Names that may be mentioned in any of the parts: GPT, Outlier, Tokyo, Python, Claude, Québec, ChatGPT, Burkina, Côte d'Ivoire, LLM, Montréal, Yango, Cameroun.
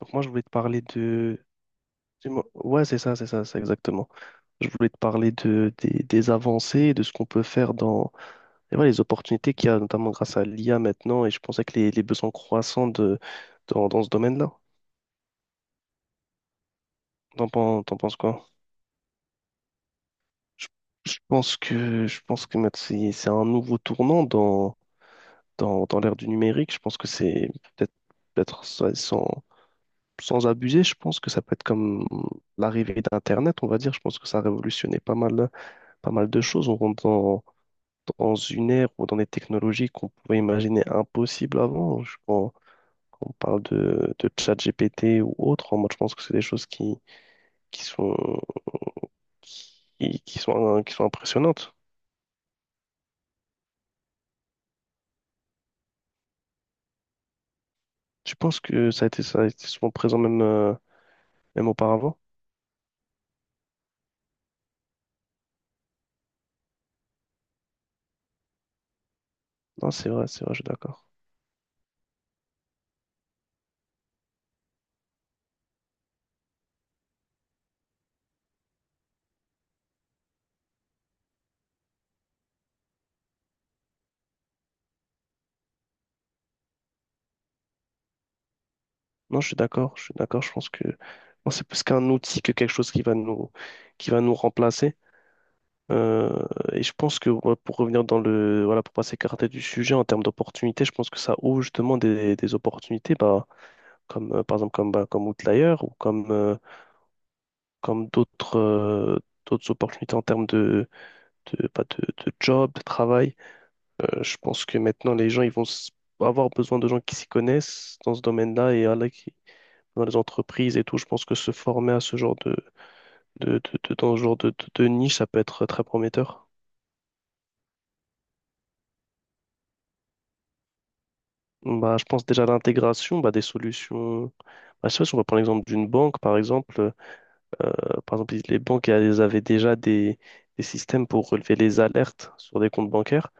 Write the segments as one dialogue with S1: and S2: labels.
S1: Donc moi, je voulais te parler de... dis-moi- Ouais, c'est ça, c'est ça, c'est exactement. Je voulais te parler des avancées, et de ce qu'on peut faire dans et voilà, les opportunités qu'il y a, notamment grâce à l'IA maintenant, et je pensais que les besoins croissants dans ce domaine-là. T'en penses quoi? Je, je pense que maintenant, c'est un nouveau tournant dans l'ère du numérique. Je pense que c'est peut-être, peut-être sans abuser, je pense que ça peut être comme l'arrivée d'Internet, on va dire. Je pense que ça a révolutionné pas mal de choses. On rentre dans une ère ou dans des technologies qu'on pouvait imaginer impossibles avant. Quand on parle de GPT ou autre, moi je pense que c'est des choses qui sont, qui sont impressionnantes. Tu penses que ça a été souvent présent même, même auparavant? Non, c'est vrai, je suis d'accord. Non, je suis d'accord, je suis d'accord. Je pense que non, c'est plus qu'un outil que quelque chose qui va qui va nous remplacer. Euh, et je pense que ouais, pour revenir dans le, voilà, pour pas s'écarter du sujet en termes d'opportunités, je pense que ça ouvre justement des opportunités, comme par exemple comme, comme Outlier ou comme, comme d'autres d'autres opportunités en termes de job, de travail. Je pense que maintenant les gens ils vont avoir besoin de gens qui s'y connaissent dans ce domaine-là et voilà, qui, dans les entreprises et tout. Je pense que se former à ce genre de, de, dans ce genre de niche, ça peut être très prometteur. Bah, je pense déjà à l'intégration bah, des solutions. Bah, je sais pas si on va prendre l'exemple d'une banque, par exemple. Euh, par exemple, les banques elles avaient déjà des systèmes pour relever les alertes sur des comptes bancaires.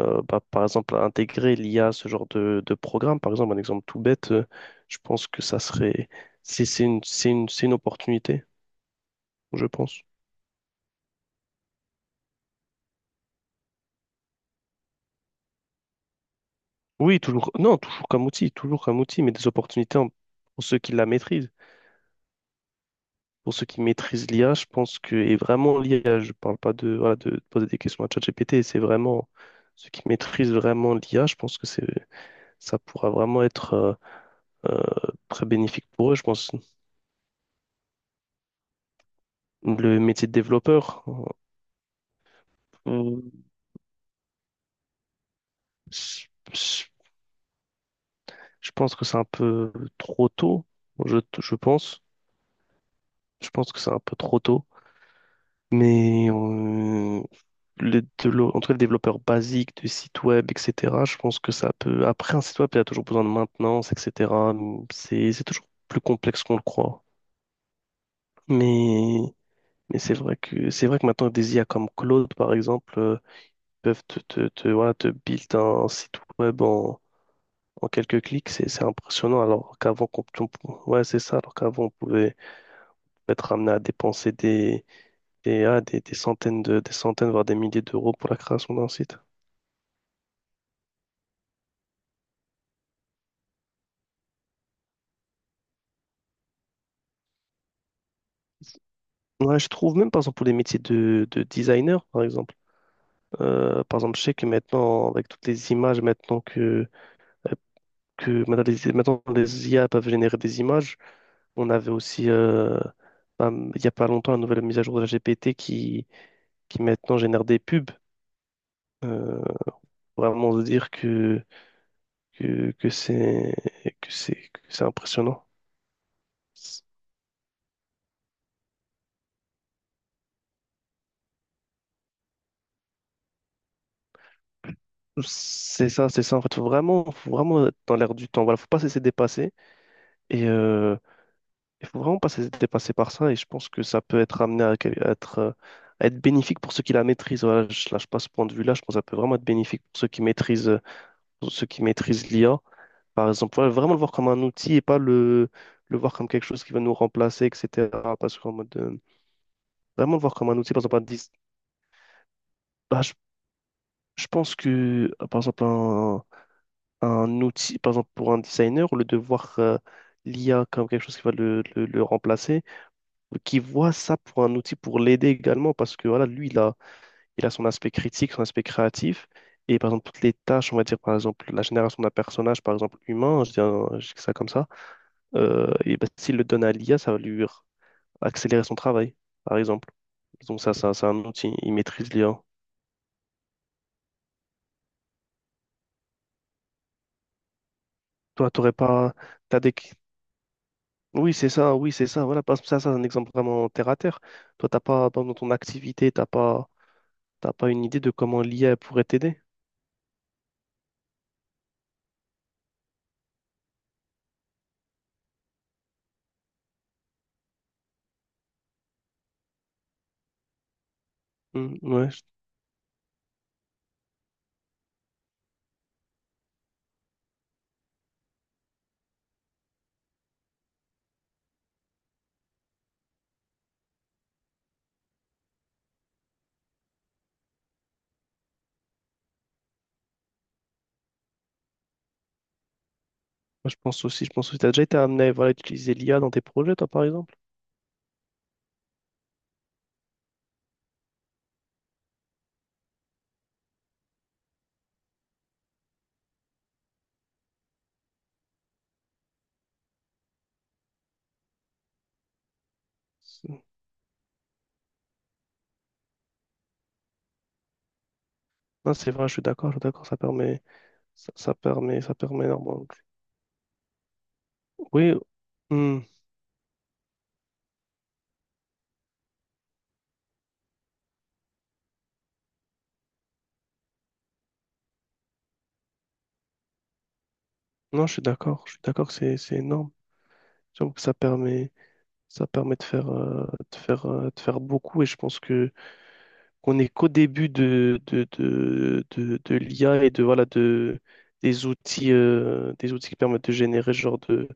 S1: Par exemple, intégrer l'IA à ce genre de programme, par exemple, un exemple tout bête, je pense que ça serait. C'est une opportunité, je pense. Oui, toujours. Non, toujours comme outil, mais des opportunités pour ceux qui la maîtrisent. Pour ceux qui maîtrisent l'IA, je pense que, et vraiment l'IA, je parle pas de, voilà, de poser des questions à ChatGPT, c'est vraiment ceux qui maîtrisent vraiment l'IA, je pense que c'est, ça pourra vraiment être très bénéfique pour eux. Je pense le métier de développeur, euh, je, je- je pense que c'est un peu trop tôt, je pense. Je pense que c'est un peu trop tôt, mais en tout cas, les développeurs basiques de sites web, etc., je pense que ça peut. Après, un site web, il y a toujours besoin de maintenance, etc. C'est toujours plus complexe qu'on le croit. Mais, mais c'est vrai que maintenant, des IA comme Claude, par exemple, peuvent voilà, te build un site web en quelques clics. C'est impressionnant. Alors qu'avant, qu'on- on- pou- ouais, c'est ça. Alors qu'avant, on pouvait être amené à dépenser des centaines des centaines, voire des milliers d'euros pour la création d'un site. Ouais, je trouve même, par exemple, pour les métiers de designer, par exemple. Par exemple, je sais que maintenant, avec toutes les images, maintenant que maintenant les IA peuvent générer des images, on avait aussi, ben, il n'y a pas longtemps, la nouvelle mise à jour de la GPT qui maintenant génère des pubs. Euh, vraiment de dire que c'est que c'est que c'est impressionnant. C'est ça, c'est ça. En fait, faut vraiment être dans l'air du temps. Voilà, faut pas cesser de dépasser. Et, il faut vraiment pas se dépasser par ça et je pense que ça peut être amené à être bénéfique pour ceux qui la maîtrisent. Voilà, je lâche pas ce point de vue-là. Je pense que ça peut vraiment être bénéfique pour ceux qui maîtrisent, pour ceux qui maîtrisent l'IA. Par exemple, voilà, vraiment le voir comme un outil et pas le voir comme quelque chose qui va nous remplacer, etc. Parce qu'en mode, euh, vraiment le voir comme un outil, par exemple, un dis- bah, je pense que, par exemple, un outil, par exemple, pour un designer, au lieu de voir l'IA comme quelque chose qui va le remplacer, qui voit ça pour un outil pour l'aider également parce que voilà, lui, il a son aspect critique, son aspect créatif. Et par exemple, toutes les tâches, on va dire par exemple la génération d'un personnage, par exemple humain, je dis ça comme ça, et ben, s'il le donne à l'IA, ça va lui r- accélérer son travail, par exemple. Donc c'est un outil, il maîtrise l'IA. Toi, t'aurais pas... T'as des... Oui, c'est ça, oui, c'est ça. Voilà, parce que ça, c'est un exemple vraiment terre à terre. Toi, t'as pas, dans ton activité, t'as pas une idée de comment l'IA pourrait t'aider. Oui, ouais, moi, je pense aussi, je pense aussi, t'as déjà été amené à voilà, à utiliser l'IA dans tes projets, toi, par exemple? C'est- Non, c'est vrai, je suis d'accord, ça permet énormément. Oui, hmm, non, je suis d'accord que c'est énorme. Surtout que ça permet de faire beaucoup et je pense que qu'on n'est qu'au début de l'IA et de, voilà, des outils qui permettent de générer ce genre de,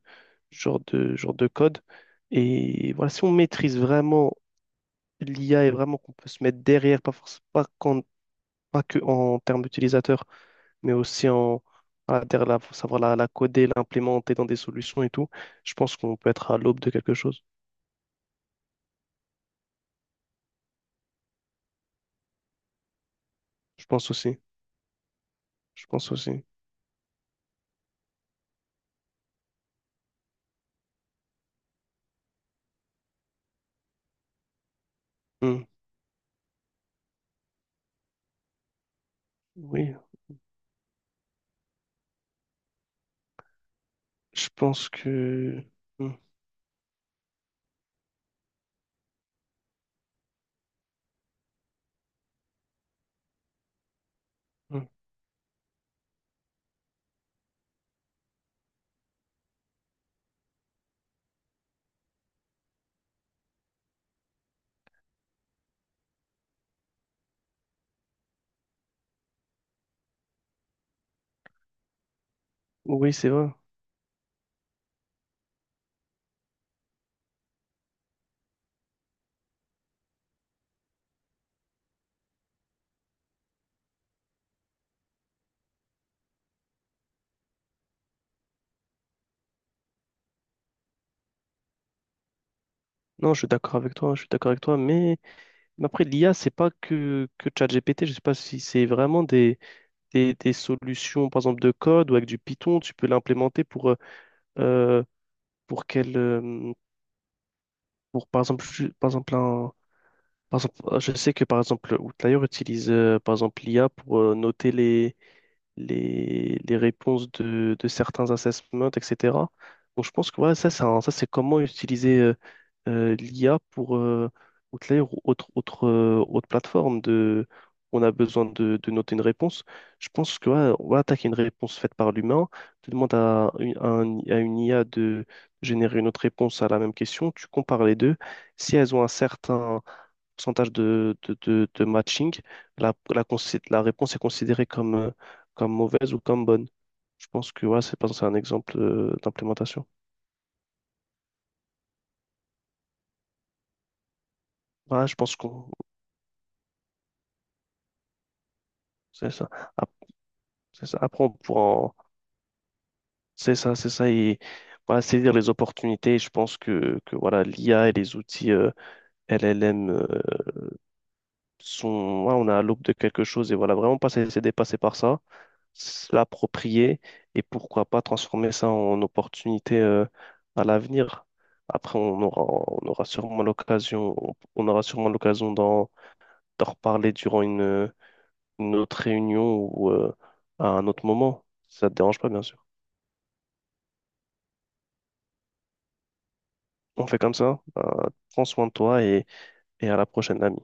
S1: genre de, genre de code. Et voilà, si on maîtrise vraiment l'IA est vraiment qu'on peut se mettre derrière, pas forcément pas, pas que en termes d'utilisateurs, mais aussi en voilà, faut savoir la coder, l'implémenter dans des solutions et tout. Je pense qu'on peut être à l'aube de quelque chose. Je pense aussi. Je pense aussi. Hmm. Oui, je pense que. Hmm, hmm. Oui, c'est vrai. Non, je suis d'accord avec toi, je suis d'accord avec toi, mais après l'IA, c'est pas que, que ChatGPT, je sais pas si c'est vraiment des solutions, par exemple, de code ou avec du Python, tu peux l'implémenter euh, pour pour par exemple, ju- par exemple, un- par exemple, je sais que par exemple, Outlier utilise par exemple l'IA pour noter les réponses de certains assessments, etc. Donc je pense que voilà, ça, c'est comment utiliser l'IA pour outlier ou autre, autre plateforme de on a besoin de noter une réponse. Je pense que voilà, on va attaquer une réponse faite par l'humain. Tu demandes à une IA de générer une autre réponse à la même question. Tu compares les deux. Si elles ont un certain pourcentage de matching, la réponse est considérée comme, comme mauvaise ou comme bonne. Je pense que ouais, c'est pas- c'est un exemple d'implémentation. Voilà, je pense qu'on c'est ça. Ap- C'est ça. Après, on pourra en- c'est ça, c'est ça. Et voilà, saisir les opportunités. Je pense que voilà, l'IA et les outils LLM sont. Ouais, on a à l'aube de quelque chose et voilà, vraiment pas se laisser dépasser par ça. L'approprier et pourquoi pas transformer ça en opportunité à l'avenir. Après, on aura, on aura sûrement l'occasion, on aura sûrement l'occasion d'en d'en reparler durant une autre réunion ou à un autre moment. Si ça te dérange pas, bien sûr. On fait comme ça. Prends soin de toi et à la prochaine, ami.